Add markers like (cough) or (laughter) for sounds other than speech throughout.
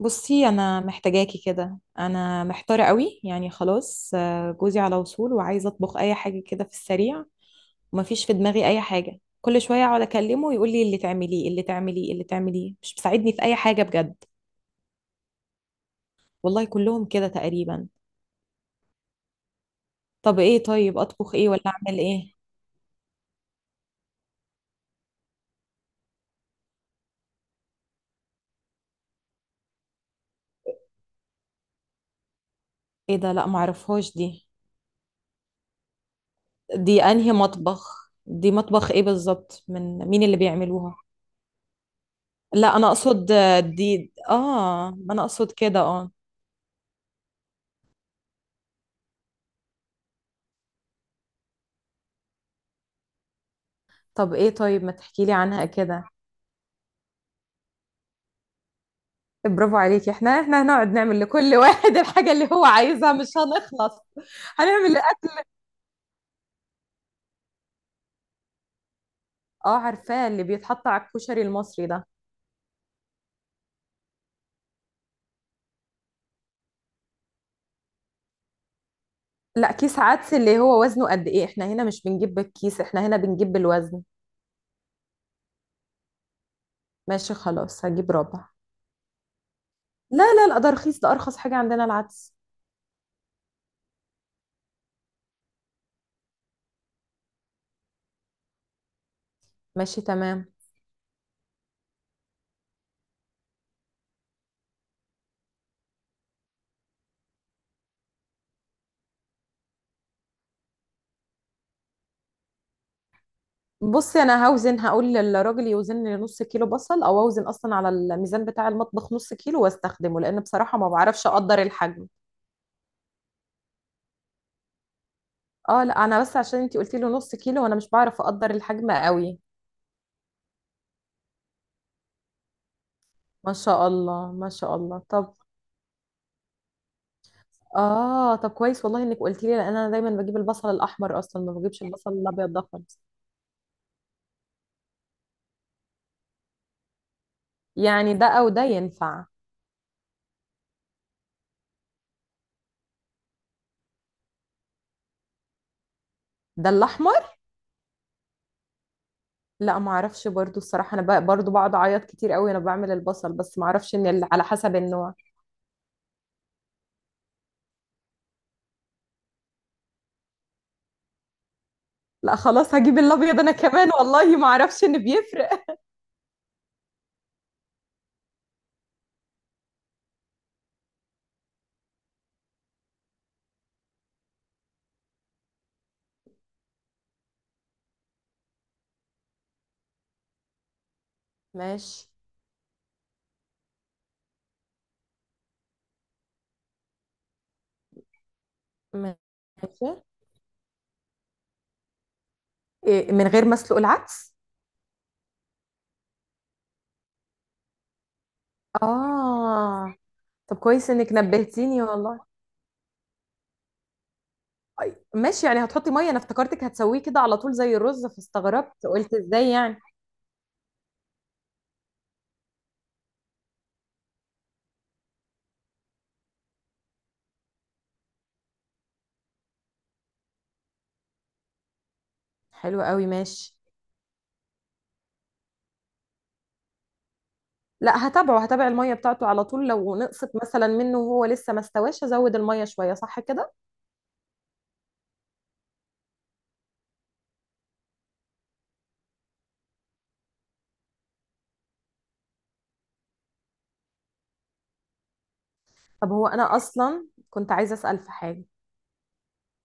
بصي، انا محتاجاكي كده. انا محتاره قوي يعني خلاص، جوزي على وصول وعايزه اطبخ اي حاجه كده في السريع. ومفيش في دماغي اي حاجه، كل شويه اقعد اكلمه ويقول لي اللي تعمليه اللي تعمليه اللي تعمليه، مش مساعدني في اي حاجه بجد. والله كلهم كده تقريبا. طب ايه؟ طيب اطبخ ايه ولا اعمل ايه؟ ايه ده؟ لا معرفهاش دي. دي انهي مطبخ دي مطبخ ايه بالظبط؟ من مين اللي بيعملوها؟ لا انا اقصد، آه، دي اه ما انا اقصد كده اه طب ايه؟ طيب ما تحكي لي عنها كده. برافو عليكي، احنا هنقعد نعمل لكل واحد (laughs) الحاجة اللي هو عايزها، مش هنخلص. هنعمل اه، عارفاه، اللي بيتحط على الكشري المصري ده. لا، كيس عدس اللي هو وزنه قد ايه؟ احنا هنا مش بنجيب بالكيس، احنا هنا بنجيب بالوزن. ماشي خلاص، هجيب ربع. لا لا لا، ده رخيص، ده ارخص حاجة عندنا العدس. ماشي تمام. بصي، انا هوزن، هقول للراجل يوزن لي نص كيلو بصل، او اوزن اصلا على الميزان بتاع المطبخ نص كيلو واستخدمه، لان بصراحة ما بعرفش اقدر الحجم. اه لا، انا بس عشان انتي قلتي له نص كيلو، وانا مش بعرف اقدر الحجم قوي. ما شاء الله، ما شاء الله. طب. اه طب كويس والله انك قلتي لي، لان انا دايما بجيب البصل الاحمر، اصلا ما بجيبش البصل الابيض ده خالص. يعني ده او ده ينفع؟ ده الاحمر؟ لا ما اعرفش برضو الصراحه، انا برضو بقعد اعيط كتير قوي وانا بعمل البصل، بس ما اعرفش ان على حسب النوع. لا خلاص، هجيب الابيض انا كمان، والله ما اعرفش ان بيفرق. ماشي. ماشي. إيه، من غير مسلوق العدس؟ اه. طب كويس انك نبهتيني والله. ماشي، يعني هتحطي ميه، انا افتكرتك هتسويه كده على طول زي الرز، فاستغربت قلت ازاي يعني. حلو قوي، ماشي. لا، هتابع الميه بتاعته على طول، لو نقصت مثلا منه وهو لسه ما استواش ازود الميه شويه، صح كده؟ طب هو انا اصلا كنت عايزه اسال في حاجه.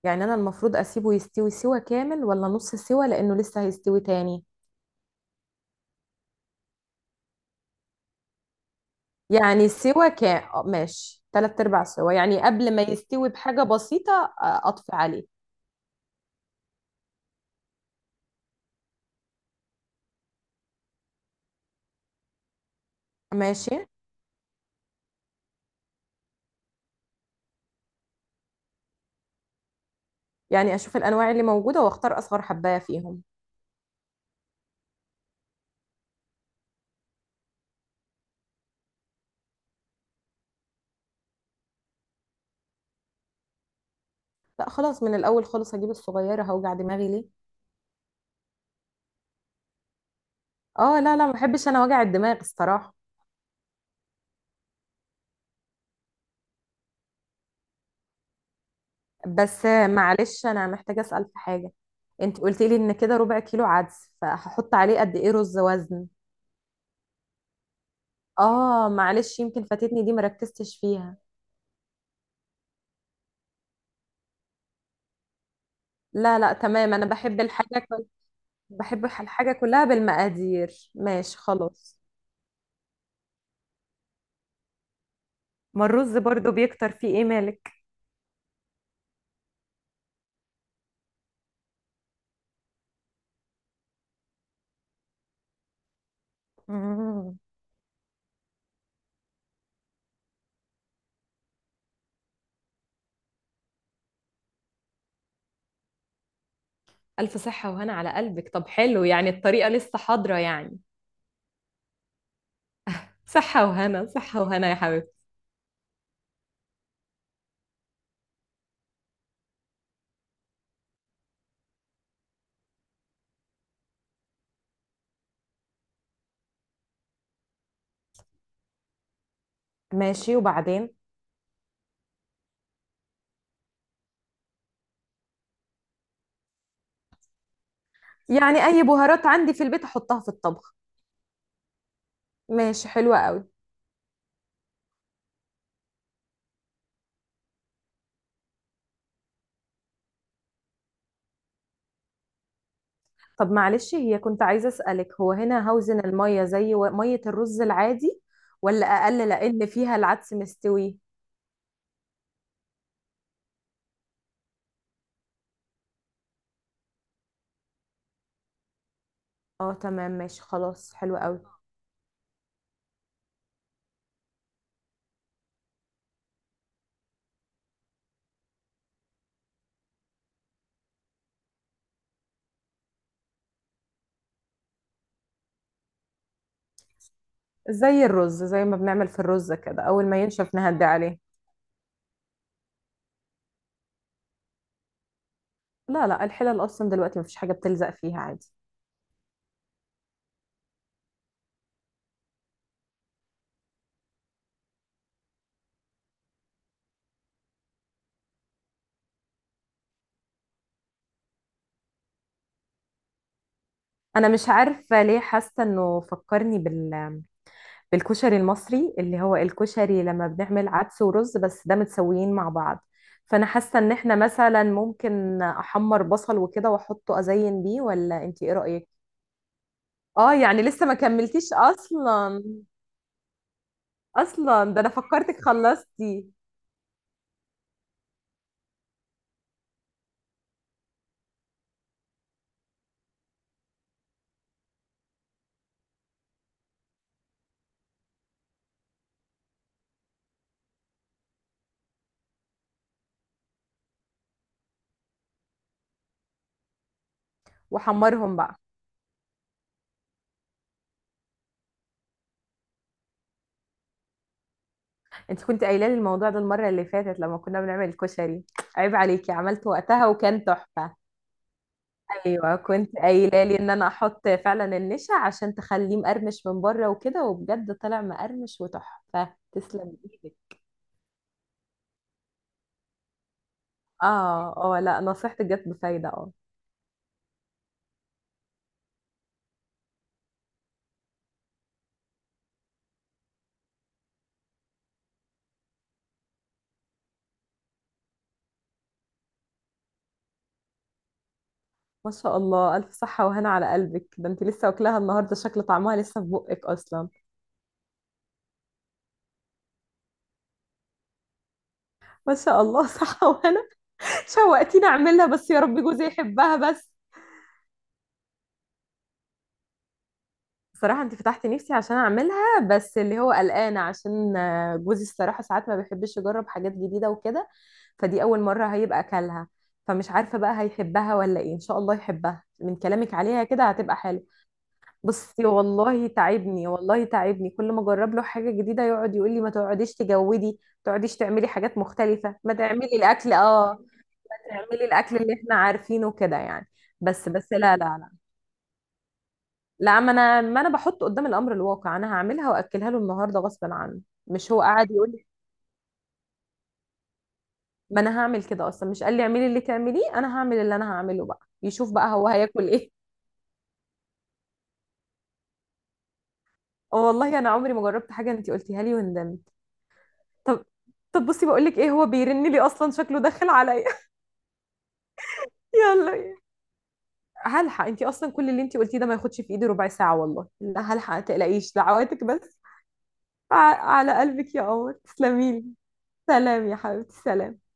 يعني انا المفروض اسيبه يستوي سوا كامل ولا نص سوا لانه لسه هيستوي تاني؟ يعني سوا كام؟ ماشي، تلات ارباع سوا، يعني قبل ما يستوي بحاجه بسيطه. آه، اطفي عليه. ماشي، يعني اشوف الانواع اللي موجوده واختار اصغر حبايه فيهم. لا خلاص، من الاول خالص هجيب الصغيره، هوجع دماغي ليه؟ اه لا لا، ما بحبش انا وجع الدماغ الصراحه. بس معلش، انا محتاجه اسال في حاجه. انت قلت لي ان كده ربع كيلو عدس، فهحط عليه قد ايه رز وزن؟ اه معلش، يمكن فاتتني دي مركزتش فيها. لا لا تمام، انا بحب الحاجه بحب الحاجه كلها بالمقادير، ماشي خلاص. ما الرز برضو بيكتر، فيه ايه مالك؟ مم. ألف صحة وهنا على قلبك. طب حلو، يعني الطريقة لسه حاضرة يعني؟ صحة وهنا، صحة وهنا يا حبيبتي. ماشي، وبعدين؟ يعني اي بهارات عندي في البيت احطها في الطبخ؟ ماشي، حلوة قوي. طب معلش، هي كنت عايزة اسألك، هو هنا هوزن المية زي مية الرز العادي، ولا اقل لان فيها العدس مستوي؟ اه تمام، ماشي خلاص، حلو قوي. زي الرز، زي ما بنعمل في الرز كده، اول ما ينشف نهدي عليه. لا لا، الحلل اصلا دلوقتي مفيش حاجة بتلزق فيها عادي. انا مش عارفه ليه حاسه انه فكرني بالكشري المصري، اللي هو الكشري لما بنعمل عدس ورز، بس ده متسويين مع بعض. فانا حاسه ان احنا مثلا ممكن احمر بصل وكده واحطه ازين بيه، ولا انت ايه رايك؟ اه يعني لسه ما كملتيش اصلا؟ اصلا ده انا فكرتك خلصتي. وحمرهم بقى. انت كنت قايله لي الموضوع ده المره اللي فاتت لما كنا بنعمل الكشري. عيب عليكي، عملت وقتها وكان تحفه. ايوه، كنت قايله لي ان انا احط فعلا النشا عشان تخليه مقرمش من بره وكده، وبجد طلع مقرمش وتحفه، تسلم ايدك. اه اه، لا نصيحتك جت بفايده اه ما شاء الله، الف صحه وهنا على قلبك، ده انت لسه واكلاها النهارده، شكل طعمها لسه في بقك اصلا. ما شاء الله، صحه وهنا. (laughs) شوقتيني اعملها، بس يا رب جوزي يحبها بس. صراحة انت فتحتي نفسي عشان اعملها، بس اللي هو قلقانة عشان، جوزي الصراحة ساعات ما بيحبش يجرب حاجات جديدة وكده. فدي اول مرة هيبقى اكلها. فمش عارفة بقى هيحبها ولا ايه، ان شاء الله يحبها، من كلامك عليها كده هتبقى حلو. بصي، والله تعبني، والله تعبني، كل ما اجرب له حاجة جديدة يقعد يقول لي ما تقعديش تجودي، ما تقعديش تعملي حاجات مختلفة، ما تعملي الاكل اه ما تعملي الاكل اللي احنا عارفينه كده يعني. بس بس، لا لا. لا ما انا بحط قدام الامر الواقع، انا هعملها واكلها له النهارده غصبا عنه. مش هو قاعد يقول لي؟ ما انا هعمل كده اصلا، مش قال لي اعملي اللي تعمليه، انا هعمل اللي انا هعمله بقى، يشوف بقى هو هياكل ايه. (laughs) اه والله انا عمري ما جربت حاجه انت قلتيها لي وندمت. طب. طب بصي، بقول لك ايه، هو بيرن لي اصلا شكله داخل عليا. (laughs) يلا. هلحق، انت اصلا كل اللي انت قلتيه ده ما ياخدش في ايدي ربع ساعه والله، لا هلحق ما تقلقيش، دعواتك بس. ع- على قلبك يا قمر، تسلمي لي. سلام يا حبيبتي، سلام.